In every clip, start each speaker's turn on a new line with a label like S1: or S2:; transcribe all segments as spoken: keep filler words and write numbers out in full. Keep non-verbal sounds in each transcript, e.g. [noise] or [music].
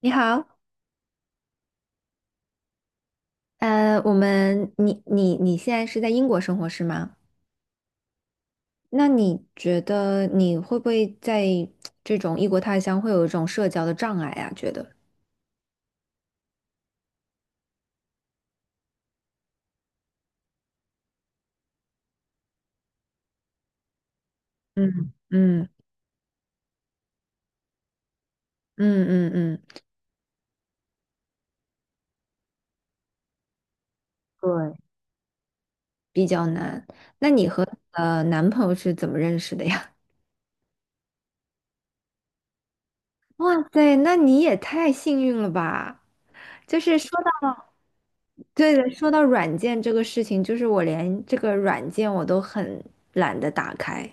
S1: 你好，呃，我们你你你现在是在英国生活是吗？那你觉得你会不会在这种异国他乡会有一种社交的障碍啊？觉得，嗯，嗯嗯嗯嗯，对，比较难。那你和呃男朋友是怎么认识的呀？[laughs] 哇塞，那你也太幸运了吧！就是说到，对的，说到软件这个事情，就是我连这个软件我都很懒得打开。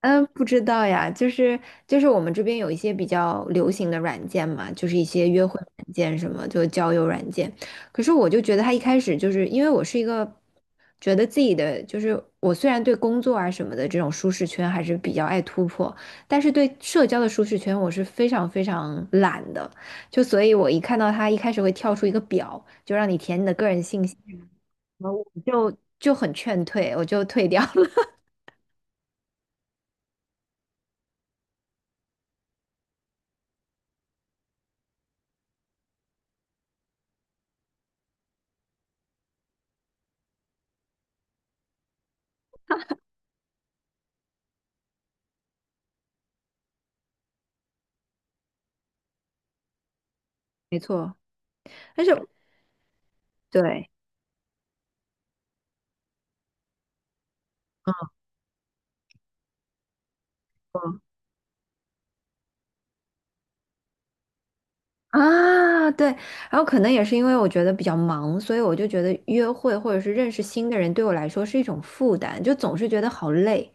S1: 嗯，不知道呀，就是就是我们这边有一些比较流行的软件嘛，就是一些约会软件什么，就交友软件。可是我就觉得他一开始就是因为我是一个觉得自己的就是我虽然对工作啊什么的这种舒适圈还是比较爱突破，但是对社交的舒适圈我是非常非常懒的，就所以我一看到他一开始会跳出一个表，就让你填你的个人信息，然后我就就很劝退，我就退掉了。[laughs] 没错，但是对。嗯啊，对，然后可能也是因为我觉得比较忙，所以我就觉得约会或者是认识新的人对我来说是一种负担，就总是觉得好累，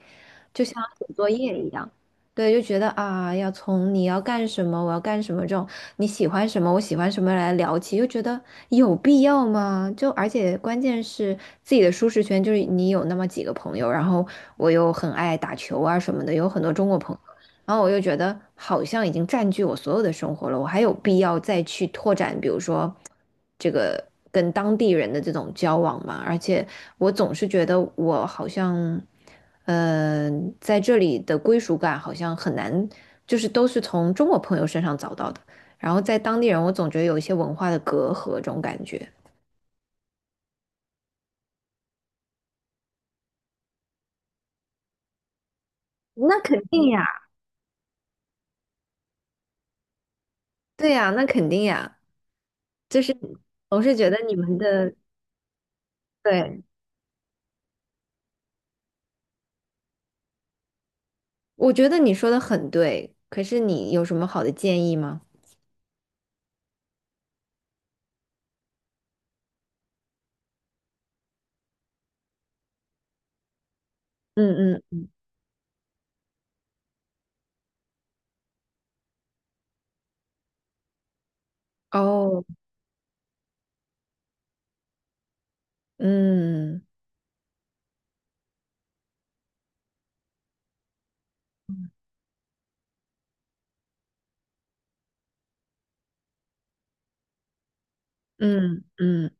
S1: 就像写作业一样。对，就觉得啊，要从你要干什么，我要干什么这种你喜欢什么，我喜欢什么来聊起，就觉得有必要吗？就而且关键是自己的舒适圈，就是你有那么几个朋友，然后我又很爱打球啊什么的，有很多中国朋友。然后我又觉得好像已经占据我所有的生活了，我还有必要再去拓展，比如说这个跟当地人的这种交往吗？而且我总是觉得我好像，嗯，在这里的归属感好像很难，就是都是从中国朋友身上找到的。然后在当地人，我总觉得有一些文化的隔阂，这种感觉。那肯定呀。对呀，那肯定呀，就是我是觉得你们的，对，我觉得你说的很对，可是你有什么好的建议吗？嗯嗯，哦，嗯嗯嗯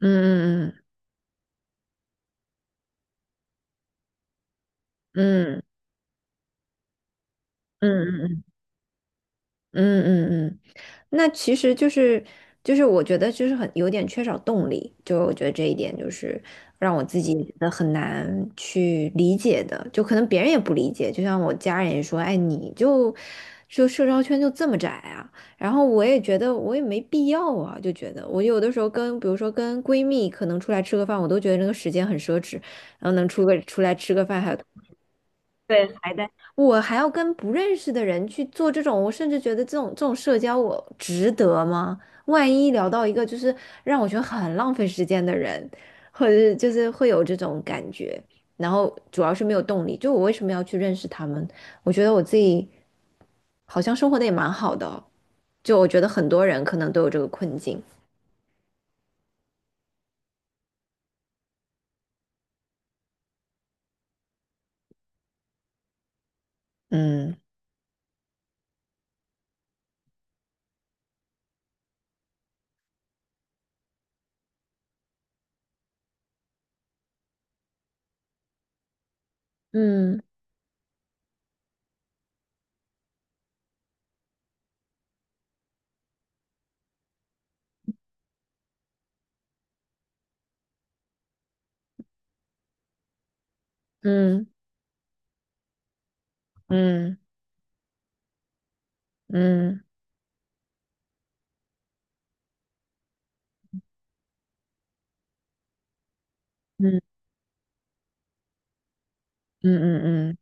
S1: 嗯嗯嗯嗯嗯嗯嗯嗯嗯嗯嗯嗯那其实就是就是我觉得就是很有点缺少动力，就我觉得这一点就是让我自己觉得很难去理解的，就可能别人也不理解，就像我家人也说，哎，你就就社交圈就这么窄啊，然后我也觉得我也没必要啊，就觉得我有的时候跟比如说跟闺蜜可能出来吃个饭，我都觉得那个时间很奢侈，然后能出个出来吃个饭还对，还在，我还要跟不认识的人去做这种，我甚至觉得这种这种社交，我值得吗？万一聊到一个就是让我觉得很浪费时间的人，或者是就是会有这种感觉，然后主要是没有动力，就我为什么要去认识他们？我觉得我自己好像生活的也蛮好的哦，就我觉得很多人可能都有这个困境。嗯嗯嗯嗯嗯嗯嗯嗯嗯嗯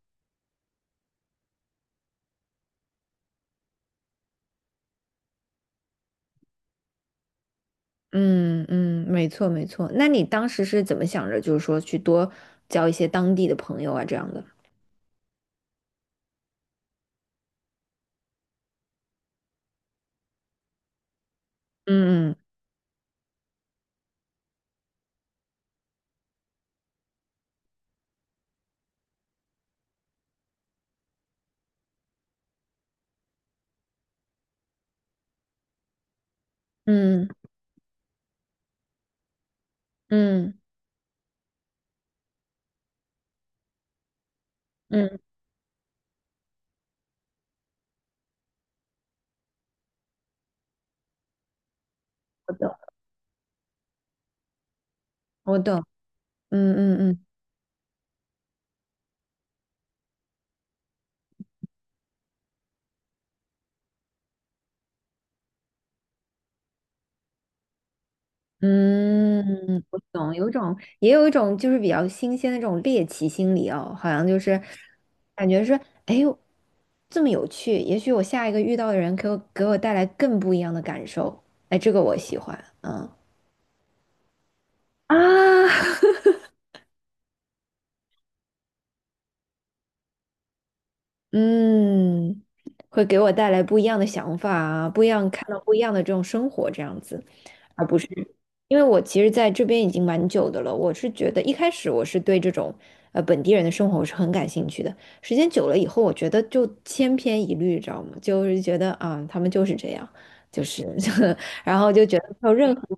S1: 嗯嗯，没错没错。那你当时是怎么想着，就是说去多交一些当地的朋友啊这样的？嗯嗯嗯嗯，嗯，我懂我懂，嗯嗯嗯嗯，我懂，有一种也有一种就是比较新鲜的这种猎奇心理哦，好像就是感觉是哎呦这么有趣，也许我下一个遇到的人给我给我带来更不一样的感受，哎，这个我喜欢，嗯啊。[laughs] 嗯，会给我带来不一样的想法啊，不一样，看到不一样的这种生活这样子，而不是因为我其实在这边已经蛮久的了，我是觉得一开始我是对这种呃本地人的生活我是很感兴趣的，时间久了以后，我觉得就千篇一律，知道吗？就是觉得啊，他们就是这样，就是 [laughs] 然后就觉得没有任何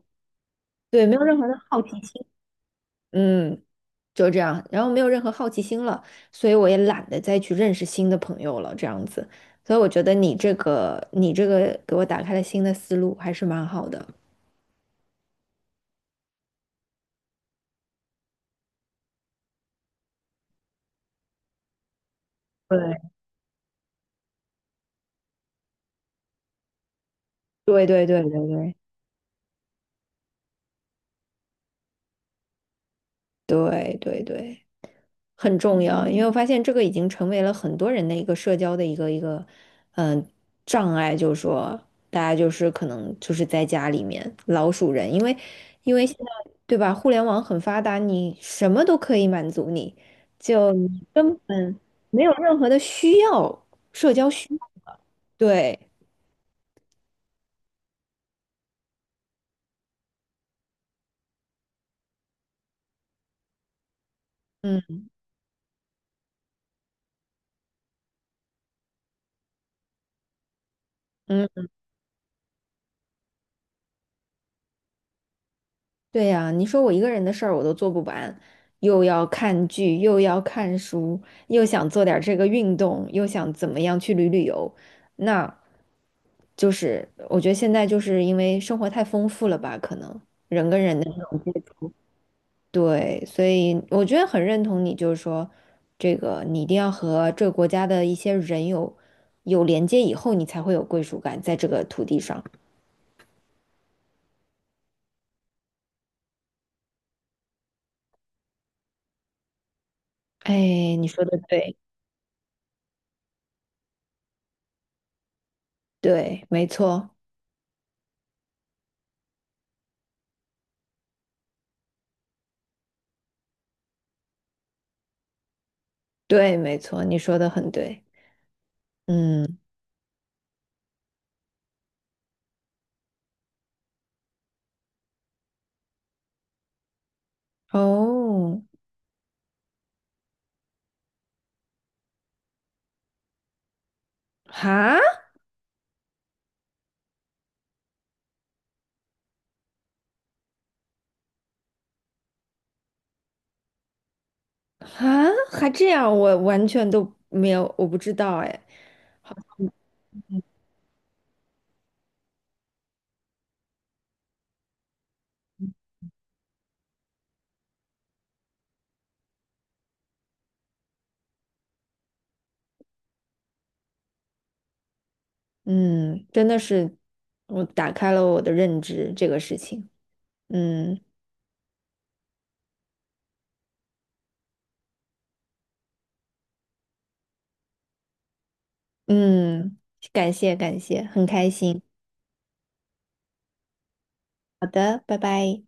S1: 对，没有任何的好奇心，嗯，就这样，然后没有任何好奇心了，所以我也懒得再去认识新的朋友了，这样子。所以我觉得你这个，你这个给我打开了新的思路，还是蛮好的。对。对对对对对对对对。很重要，因为我发现这个已经成为了很多人的一个社交的一个一个，嗯、障碍，就是说大家就是可能就是在家里面老鼠人，因为因为现在对吧，互联网很发达，你什么都可以满足你，就你根本没有任何的需要，社交需要对，嗯嗯。对呀，你说我一个人的事儿我都做不完，又要看剧，又要看书，又想做点儿这个运动，又想怎么样去旅旅游，那就是我觉得现在就是因为生活太丰富了吧，可能人跟人的对，所以我觉得很认同你，就是说这个你一定要和这个国家的一些人有有连接以后，你才会有归属感在这个土地上。哎，你说的对，对，没错，对，没错，你说的很对。嗯，哦，哈哈，还这样，我完全都没有，我不知道哎。嗯，真的是，我打开了我的认知，这个事情。嗯嗯，感谢感谢，很开心。好的，拜拜。